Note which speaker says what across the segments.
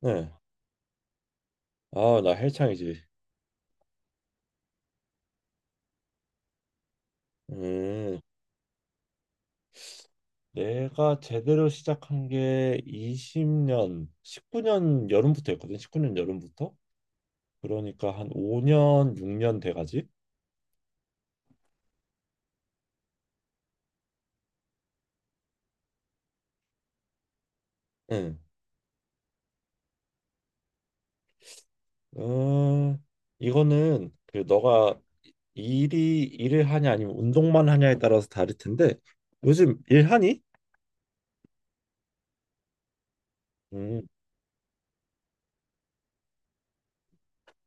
Speaker 1: 네. 아, 나 헬창이지. 음, 내가 제대로 시작한 게 20년, 19년 여름부터 했거든. 19년 여름부터. 그러니까 한 5년, 6년 돼가지. 응. 음, 이거는 그 너가 일이 일을 하냐 아니면 운동만 하냐에 따라서 다를 텐데 요즘 일하니? 음,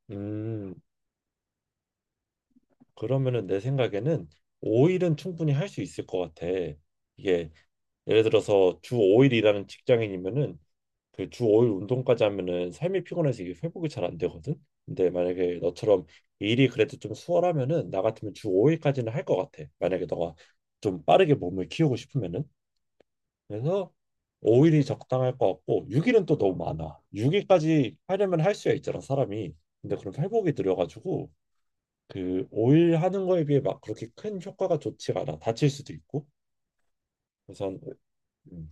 Speaker 1: 음, 그러면은 내 생각에는 5일은 충분히 할 수 있을 것 같아. 이게 예를 들어서 주 5일 일하는 직장인이면은 그 주 5일 운동까지 하면은 삶이 피곤해서 이게 회복이 잘 안 되거든. 근데 만약에 너처럼 일이 그래도 좀 수월하면은 나 같으면 주 5일까지는 할 것 같아. 만약에 너가 좀 빠르게 몸을 키우고 싶으면은 그래서 5일이 적당할 것 같고 6일은 또 너무 많아. 6일까지 하려면 할 수야 있잖아 사람이. 근데 그럼 회복이 느려가지고 그 5일 하는 거에 비해 막 그렇게 큰 효과가 좋지가 않아. 다칠 수도 있고. 우선 음,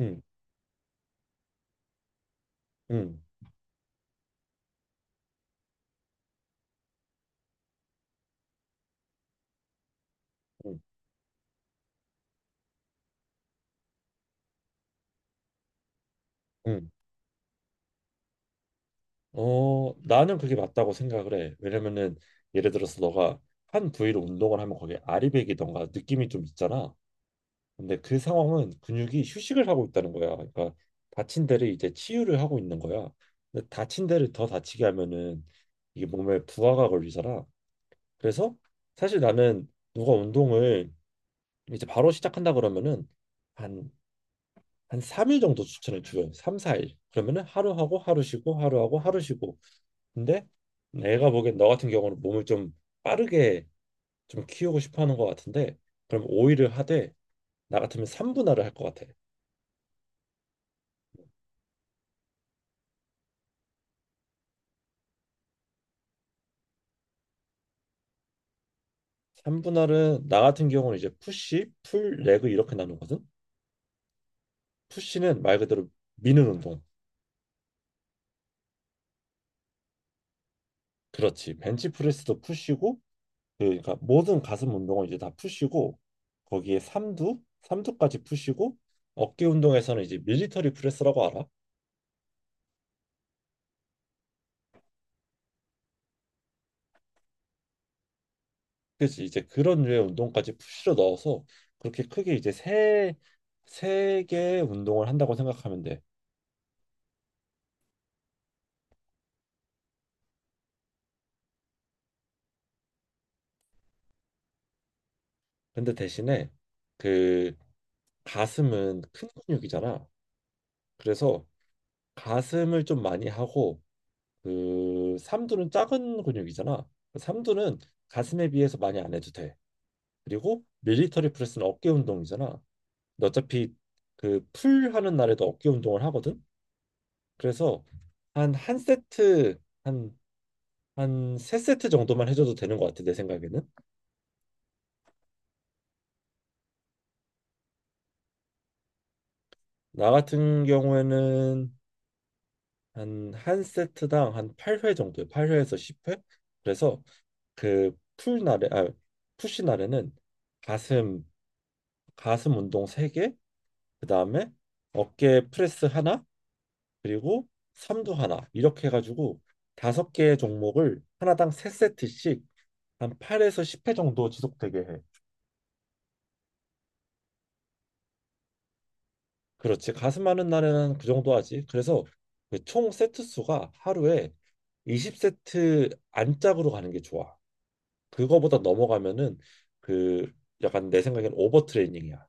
Speaker 1: 음, 음, 음, 음. 어, 나는 그게 맞다고 생각을 해. 왜냐면은 예를 들어서 너가 한 부위로 운동을 하면 거기에 아리백이던가 느낌이 좀 있잖아. 근데 그 상황은 근육이 휴식을 하고 있다는 거야. 그러니까 다친 데를 이제 치유를 하고 있는 거야. 근데 다친 데를 더 다치게 하면은 이게 몸에 부하가 걸리잖아. 그래서 사실 나는 누가 운동을 이제 바로 시작한다 그러면은 한 한 3일 정도 추천을 줘요. 3, 4일. 그러면은 하루 하고 하루 쉬고 하루 하고 하루 쉬고. 근데 애가 보기엔 너 같은 경우는 몸을 좀 빠르게 좀 키우고 싶어 하는 것 같은데 그럼 5일을 하되 나 같으면 3분할을 할 것 같아. 3분할은 나 같은 경우는 이제 푸시, 풀, 레그 이렇게 나누거든. 푸시는 말 그대로 미는 운동. 그렇지. 벤치프레스도 푸시고 그러니까 모든 가슴 운동은 이제 다 푸시고 거기에 삼두까지 푸시고 어깨 운동에서는 이제 밀리터리 프레스라고 알아? 그치 이제 그런 류의 운동까지 푸시로 넣어서 그렇게 크게 이제 세 개의 운동을 한다고 생각하면 돼. 근데 대신에 그 가슴은 큰 근육이잖아. 그래서 가슴을 좀 많이 하고 그 삼두는 작은 근육이잖아. 삼두는 가슴에 비해서 많이 안 해도 돼. 그리고 밀리터리 프레스는 어깨 운동이잖아. 근데 어차피 그 풀 하는 날에도 어깨 운동을 하거든. 그래서 한 세트 한 한 세세트 정도만 해줘도 되는 것 같아, 내 생각에는. 나 같은 경우에는 한 세트당 한 8회 정도, 8회에서 10회? 그래서 그 풀날에, 아, 푸시 날에는 가슴, 가슴 운동 3개, 그 다음에 어깨 프레스 하나, 그리고 삼두 하나, 이렇게 해가지고 다섯 개의 종목을 하나당 세세트씩한 8에서 10회 정도 지속되게 해. 그렇지. 가슴 많은 날에는 그 정도 하지. 그래서 그총 세트 수가 하루에 20세트 안짝으로 가는 게 좋아. 그거보다 넘어가면은 그 약간 내 생각엔 오버트레이닝이야.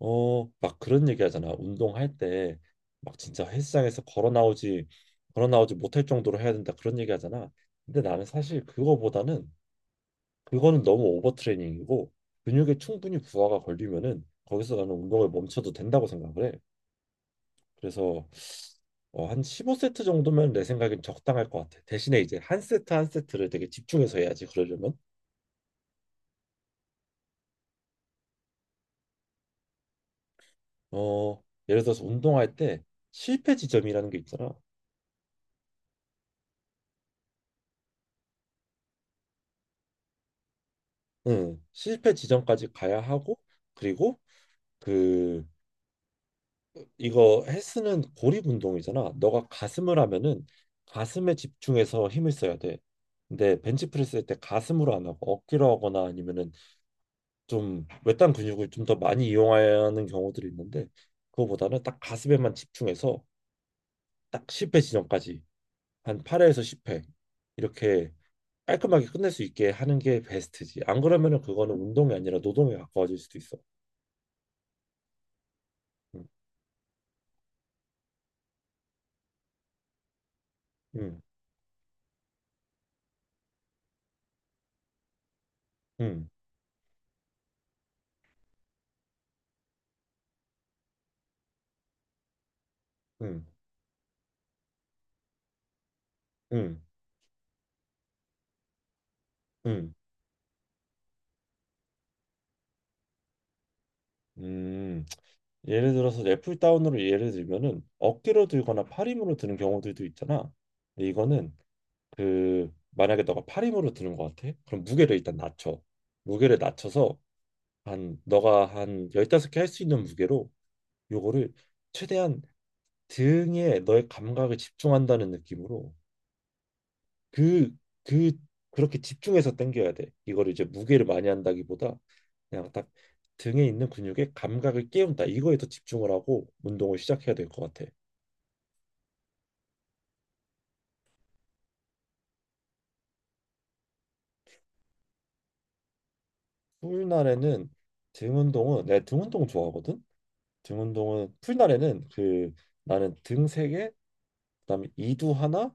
Speaker 1: 어, 막 그런 얘기 하잖아. 운동할 때 막 진짜 헬스장에서 걸어 나오지 못할 정도로 해야 된다. 그런 얘기 하잖아. 근데 나는 사실 그거보다는 그거는 너무 오버트레이닝이고 근육에 충분히 부하가 걸리면은 거기서 나는 운동을 멈춰도 된다고 생각을 해. 그래서 어, 한 15세트 정도면 내 생각엔 적당할 것 같아. 대신에 이제 한 세트 한 세트를 되게 집중해서 해야지. 그러려면 어, 예를 들어서 운동할 때 실패 지점이라는 게 있잖아. 응, 실패 지점까지 가야 하고 그리고 그 이거 헬스는 고립 운동이잖아. 너가 가슴을 하면은 가슴에 집중해서 힘을 써야 돼. 근데 벤치프레스 할 때 가슴으로 안 하고 어깨로 하거나 아니면은 좀 외딴 근육을 좀 더 많이 이용하는 경우들이 있는데 그거보다는 딱 가슴에만 집중해서 딱 10회 지점까지 한 8회에서 10회 이렇게 깔끔하게 끝낼 수 있게 하는 게 베스트지. 안 그러면은 그거는 운동이 아니라 노동에 가까워질 수도 있어. 음, 음, 음, 음, 음, 음. 음, 예를 들어서 애플 다운으로 예를 들면은 어깨로 들거나 팔힘으로 드는 경우들도 있잖아. 근데 이거는 그 만약에 너가 팔힘으로 드는 것 같아? 그럼 무게를 일단 낮춰. 무게를 낮춰서 한 너가 한 15개 할 수 있는 무게로 요거를 최대한 등에 너의 감각에 집중한다는 느낌으로 그 그 그렇게 집중해서 당겨야 돼. 이거를 이제 무게를 많이 한다기보다 그냥 딱 등에 있는 근육에 감각을 깨운다. 이거에 더 집중을 하고 운동을 시작해야 될 것 같아. 풀날에는 등 운동은 내가 등 운동 좋아하거든. 등 운동은 풀날에는 그 나는 등 세 개, 그다음에 이두 하나,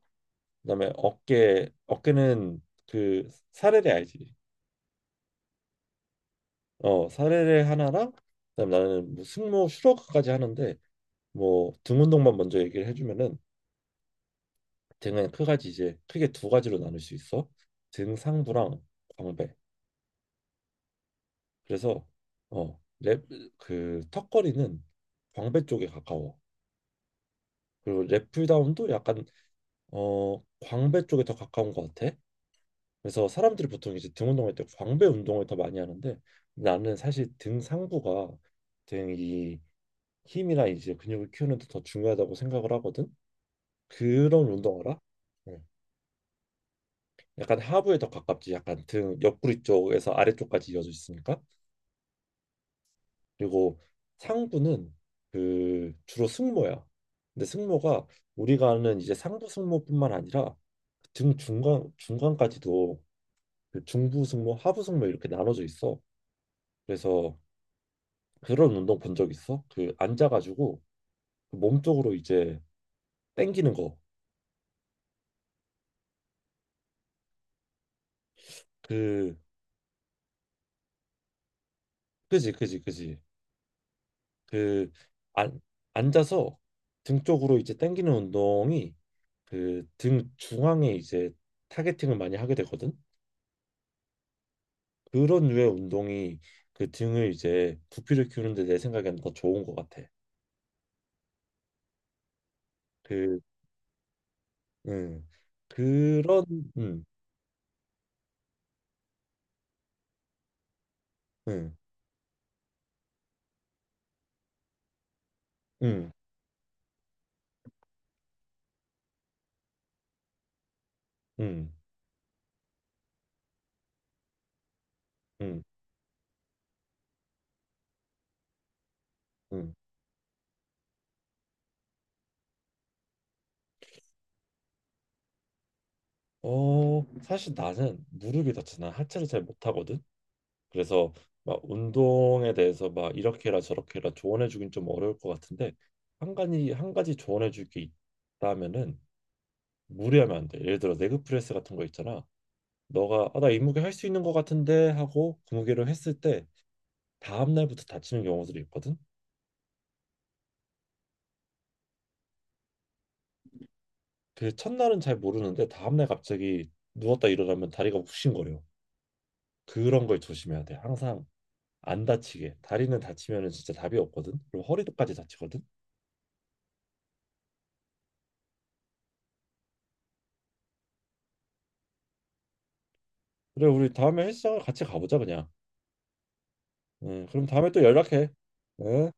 Speaker 1: 그다음에 어깨는 그 사레레 알지? 어, 사례를 하나랑 그다음 나는 뭐 승모 슈로크까지 하는데 뭐 등 운동만 먼저 얘기를 해주면은 등은 크가지 이제 크게 두 가지로 나눌 수 있어. 등 상부랑 광배. 그래서 어, 랩그 턱걸이는 광배 쪽에 가까워. 그리고 랩풀다운도 약간 어 광배 쪽에 더 가까운 것 같아. 그래서 사람들이 보통 이제 등 운동할 때 광배 운동을 더 많이 하는데 나는 사실 등 상부가 등이 힘이나 이제 근육을 키우는 데 더 중요하다고 생각을 하거든. 그런 운동 알아? 응. 약간 하부에 더 가깝지. 약간 등 옆구리 쪽에서 아래쪽까지 이어져 있으니까. 그리고 상부는 그 주로 승모야. 근데 승모가 우리가 아는 이제 상부 승모뿐만 아니라 등 중간 중간까지도 그 중부 승모, 하부 승모 이렇게 나눠져 있어. 그래서 그런 운동 본 적 있어? 그 앉아가지고 몸 쪽으로 이제 당기는 거. 그 그지, 그지, 그지. 그 안, 앉아서 등 쪽으로 이제 당기는 운동이 그 등 중앙에 이제 타겟팅을 많이 하게 되거든. 그런 류의 운동이 그 등을 이제 부피를 키우는데 내 생각에는 더 좋은 것 같아. 그, 음, 그런, 음, 음, 음, 음, 음, 음. 어, 사실 나는 무릎이 다쳐서 난 하체를 잘 못하거든. 그래서 막 운동에 대해서 막 이렇게 해라 저렇게 해라 조언해 주긴 좀 어려울 것 같은데 한 가지 조언해 줄 게 있다면은 무리하면 안 돼. 예를 들어 레그 프레스 같은 거 있잖아. 너가 아, 나 이 무게 할 수 있는 것 같은데 하고 그 무게를 했을 때 다음 날부터 다치는 경우들이 있거든. 그 첫날은 잘 모르는데 다음 날 갑자기 누웠다 일어나면 다리가 욱신거려. 그런 걸 조심해야 돼. 항상 안 다치게. 다리는 다치면은 진짜 답이 없거든. 그리고 허리도까지 다치거든. 그래 우리 다음에 헬스장을 같이 가보자 그냥. 그럼 다음에 또 연락해. 응?